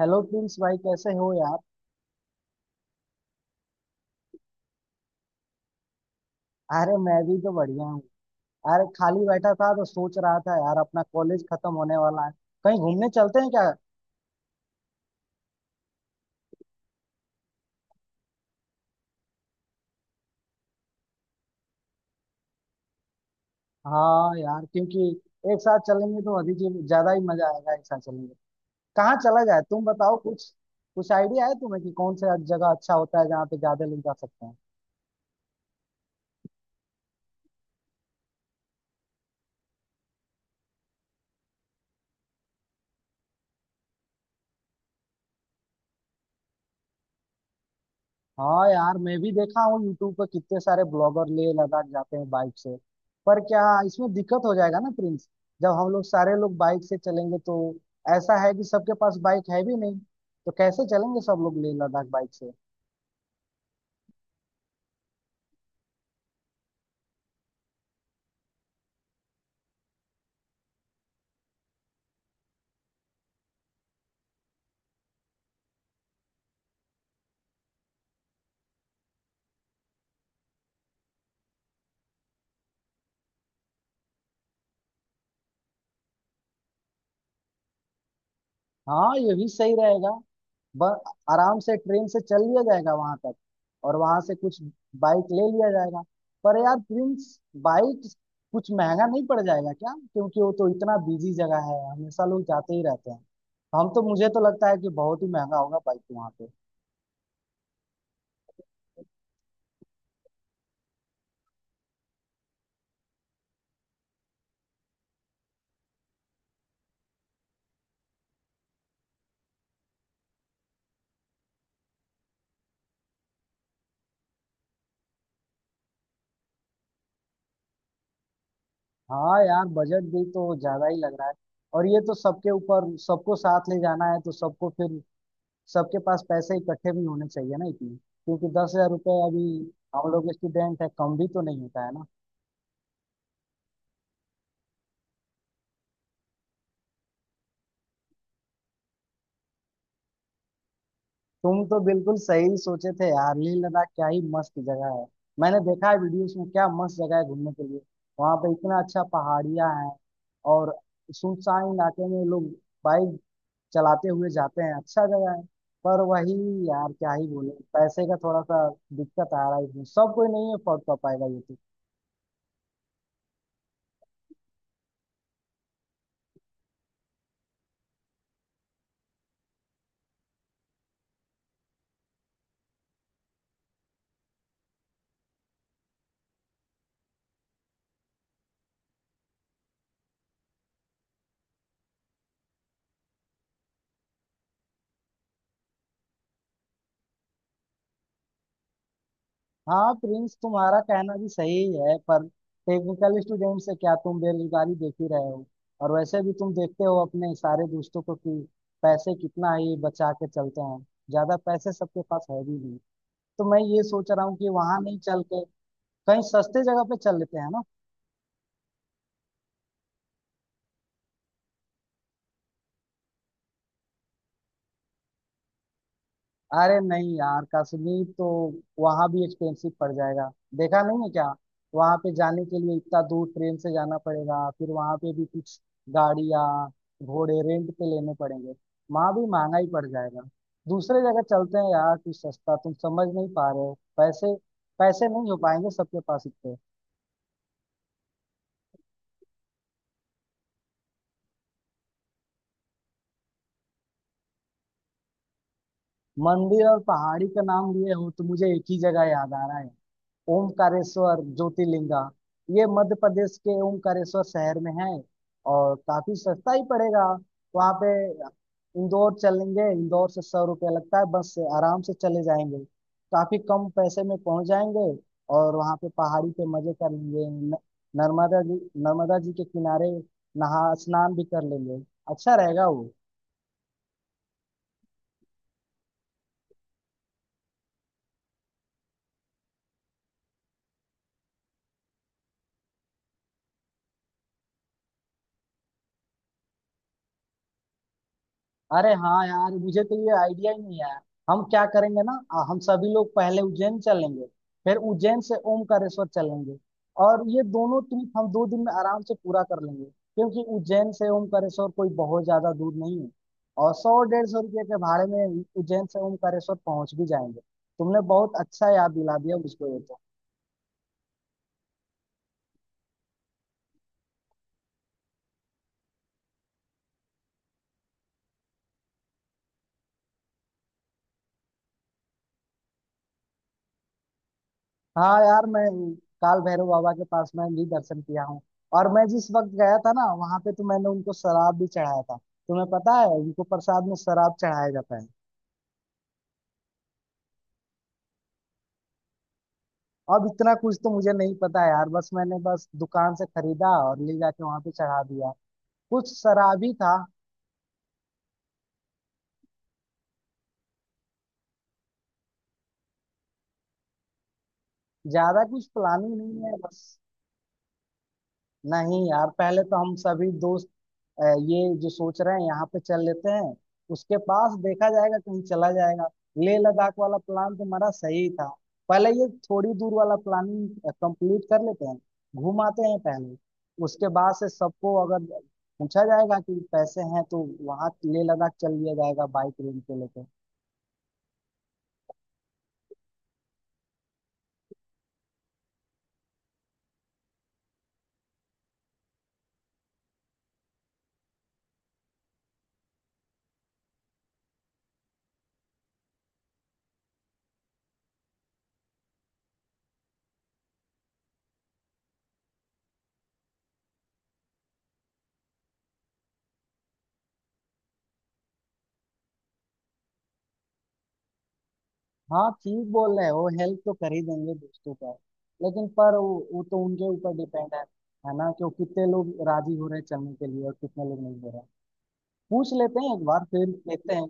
Hello Prince भाई, कैसे हो यार? अरे मैं भी तो बढ़िया हूँ। अरे खाली बैठा था तो सोच रहा था यार, अपना कॉलेज खत्म होने वाला है। कहीं घूमने चलते हैं क्या? हाँ यार, क्योंकि एक साथ चलेंगे तो ज्यादा ही मजा आएगा, एक साथ चलेंगे। कहाँ चला जाए? तुम बताओ कुछ। कुछ आइडिया है तुम्हें कि कौन सा जगह अच्छा होता है जहाँ पे ज्यादा लोग जा सकते हैं? हाँ यार, मैं भी देखा हूँ यूट्यूब पर कितने सारे ब्लॉगर ले लद्दाख जाते हैं बाइक से। पर क्या इसमें दिक्कत हो जाएगा ना प्रिंस? जब हम लोग सारे लोग बाइक से चलेंगे तो ऐसा है कि सबके पास बाइक है भी नहीं। तो कैसे चलेंगे सब लोग ले लद्दाख बाइक से? हाँ, ये भी सही रहेगा। ब- आराम से ट्रेन से चल लिया जाएगा वहां तक, और वहां से कुछ बाइक ले लिया जाएगा। पर यार प्रिंस, बाइक कुछ महंगा नहीं पड़ जाएगा क्या? क्योंकि वो तो इतना बिजी जगह है, हमेशा लोग जाते ही रहते हैं। हम तो, मुझे तो लगता है कि बहुत ही महंगा होगा बाइक वहां पे। हाँ यार, बजट भी तो ज्यादा ही लग रहा है। और ये तो सबके ऊपर, सबको साथ ले जाना है तो सबको फिर सबके पास पैसे इकट्ठे भी होने चाहिए ना इतने, क्योंकि 10,000 रुपये अभी। हम लोग स्टूडेंट है, कम भी तो नहीं होता है ना। तुम तो बिल्कुल सही सोचे थे यार, लेह लद्दाख क्या ही मस्त जगह है। मैंने देखा है वीडियोस में, क्या मस्त जगह है घूमने के लिए। वहां पे इतना अच्छा पहाड़ियां हैं, और सुनसान इलाके में लोग बाइक चलाते हुए जाते हैं, अच्छा जगह है। पर वही यार, क्या ही बोले, पैसे का थोड़ा सा दिक्कत आ रहा है इसमें, सब कोई नहीं अफोर्ड कर पाएगा ये तो। हाँ प्रिंस, तुम्हारा कहना भी सही है, पर टेक्निकल स्टूडेंट से क्या तुम बेरोजगारी देख ही रहे हो? और वैसे भी तुम देखते हो अपने सारे दोस्तों को कि पैसे कितना ही बचा के चलते हैं। ज्यादा पैसे सबके पास है भी नहीं। तो मैं ये सोच रहा हूँ कि वहां नहीं चल के कहीं सस्ते जगह पे चल लेते हैं ना। अरे नहीं यार, कश्मीर तो वहां भी एक्सपेंसिव पड़ जाएगा। देखा नहीं है क्या? वहां पे जाने के लिए इतना दूर ट्रेन से जाना पड़ेगा, फिर वहां पे भी कुछ गाड़ियां, घोड़े रेंट पे लेने पड़ेंगे। वहां भी महंगा ही पड़ जाएगा। दूसरे जगह चलते हैं यार कुछ सस्ता, तुम समझ नहीं पा रहे हो, पैसे पैसे नहीं हो पाएंगे सबके पास इतने। मंदिर और पहाड़ी का नाम लिए हो तो मुझे एक ही जगह याद आ रहा है, ओमकारेश्वर ज्योतिर्लिंगा। ये मध्य प्रदेश के ओमकारेश्वर शहर में है, और काफी सस्ता ही पड़ेगा वहाँ पे। इंदौर चलेंगे, इंदौर से 100 रुपया लगता है, बस से आराम से चले जाएंगे। काफी कम पैसे में पहुंच जाएंगे। और वहाँ पे पहाड़ी पे मजे कर लेंगे। नर्मदा जी, नर्मदा जी के किनारे नहा स्नान भी कर लेंगे। अच्छा रहेगा वो। अरे हाँ यार, मुझे तो ये आइडिया ही नहीं है। हम क्या करेंगे ना, हम सभी लोग पहले उज्जैन चलेंगे। फिर उज्जैन से ओमकारेश्वर चलेंगे। और ये दोनों ट्रिप हम 2 दिन में आराम से पूरा कर लेंगे, क्योंकि उज्जैन से ओमकारेश्वर कोई बहुत ज्यादा दूर नहीं है। और 100-150 रुपये के भाड़े में उज्जैन से ओमकारेश्वर पहुंच भी जाएंगे। तुमने बहुत अच्छा याद दिला दिया मुझको ये तो। हाँ यार, मैं काल भैरव बाबा के पास मैं भी दर्शन किया हूँ। और मैं जिस वक्त गया था ना वहां पे, तो मैंने उनको शराब भी चढ़ाया था। तुम्हें पता है, उनको प्रसाद में शराब चढ़ाया जाता है। अब इतना कुछ तो मुझे नहीं पता यार, बस मैंने बस दुकान से खरीदा और ले जाके वहां पे चढ़ा दिया। कुछ शराब ही था। ज्यादा कुछ प्लानिंग नहीं है बस। नहीं यार, पहले तो हम सभी दोस्त ये जो सोच रहे हैं यहाँ पे चल लेते हैं। उसके पास देखा जाएगा, कहीं चला जाएगा। लेह लद्दाख वाला प्लान तुम्हारा सही था। पहले ये थोड़ी दूर वाला प्लानिंग कंप्लीट कर लेते हैं, घूम आते हैं पहले। उसके बाद से सबको अगर पूछा जाएगा कि पैसे हैं तो वहाँ लेह लद्दाख चल लिया जाएगा बाइक रेंट पे लेके। हाँ, ठीक बोल रहे हैं, वो हेल्प तो कर ही देंगे दोस्तों का। लेकिन पर वो तो उनके ऊपर डिपेंड है। है ना, कि वो कितने लोग राजी हो रहे हैं चलने के लिए और कितने लोग नहीं हो रहे हैं। पूछ लेते हैं एक बार, फिर देखते हैं।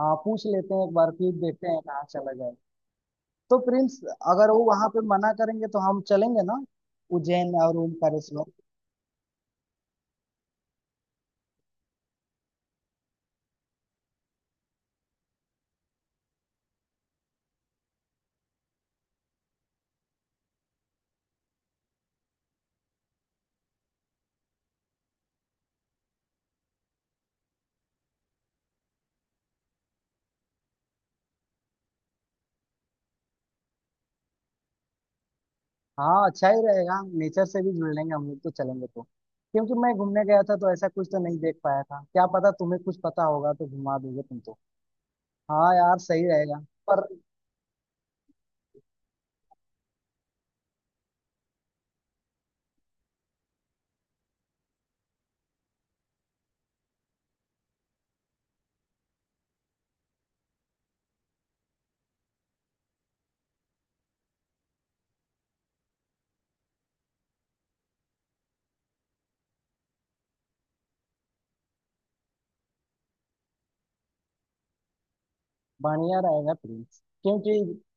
हाँ, पूछ लेते हैं एक बार फिर देखते हैं कहाँ चला जाए। तो प्रिंस, अगर वो वहां पे मना करेंगे तो हम चलेंगे ना उज्जैन और ओमकारेश्वर। हाँ, अच्छा ही रहेगा, नेचर से भी जुड़ लेंगे हम लोग तो चलेंगे तो। क्योंकि मैं घूमने गया था तो ऐसा कुछ तो नहीं देख पाया था, क्या पता तुम्हें कुछ पता होगा तो घुमा दोगे तुम तो। हाँ यार सही रहेगा। पर। बढ़िया रहेगा प्रिंस, क्योंकि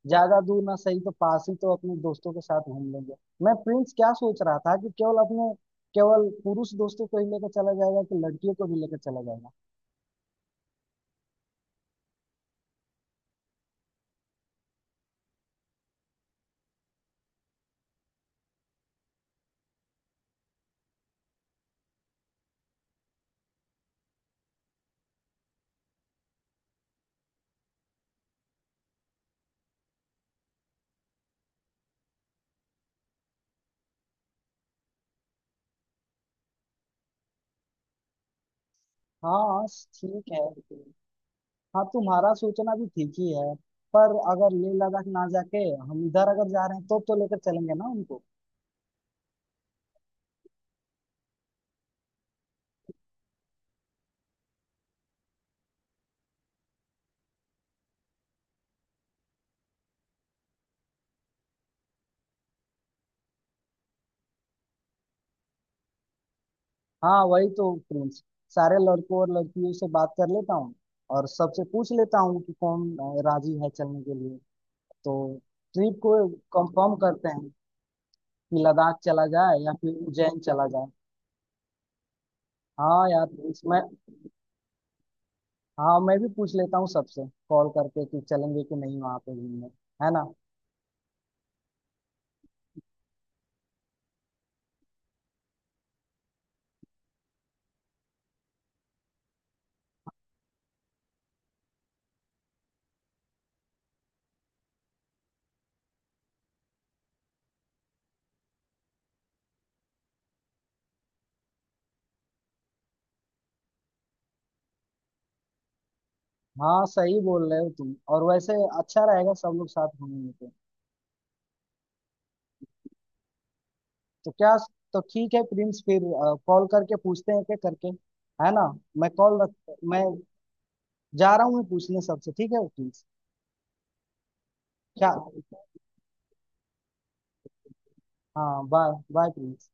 ज्यादा दूर ना सही तो पास ही तो अपने दोस्तों के साथ घूम लेंगे। मैं प्रिंस क्या सोच रहा था कि केवल पुरुष दोस्तों को ही लेकर चला जाएगा कि लड़कियों को भी लेकर चला जाएगा? हाँ, ठीक है। हाँ, तुम्हारा सोचना भी ठीक ही है। पर अगर लेह लद्दाख ना जाके हम इधर अगर जा रहे हैं तो लेकर चलेंगे ना उनको। हाँ वही तो प्रिंस, सारे लड़कों और लड़कियों से बात कर लेता हूँ। और सबसे पूछ लेता हूँ कि कौन राजी है चलने के लिए। तो ट्रिप को कंफर्म करते हैं कि लद्दाख चला जाए या फिर उज्जैन चला जाए। हाँ यार, इसमें। हाँ, मैं भी पूछ लेता हूँ सबसे कॉल करके कि चलेंगे कि नहीं वहाँ पे घूमने, है ना। हाँ, सही बोल रहे हो तुम, और वैसे अच्छा रहेगा सब लोग साथ घूमेंगे तो। तो क्या? तो ठीक है प्रिंस फिर, कॉल करके पूछते हैं क्या करके, है ना। मैं कॉल रख मैं जा रहा हूँ, मैं पूछने सबसे। ठीक है प्रिंस? क्या? हाँ, बाय बाय प्रिंस।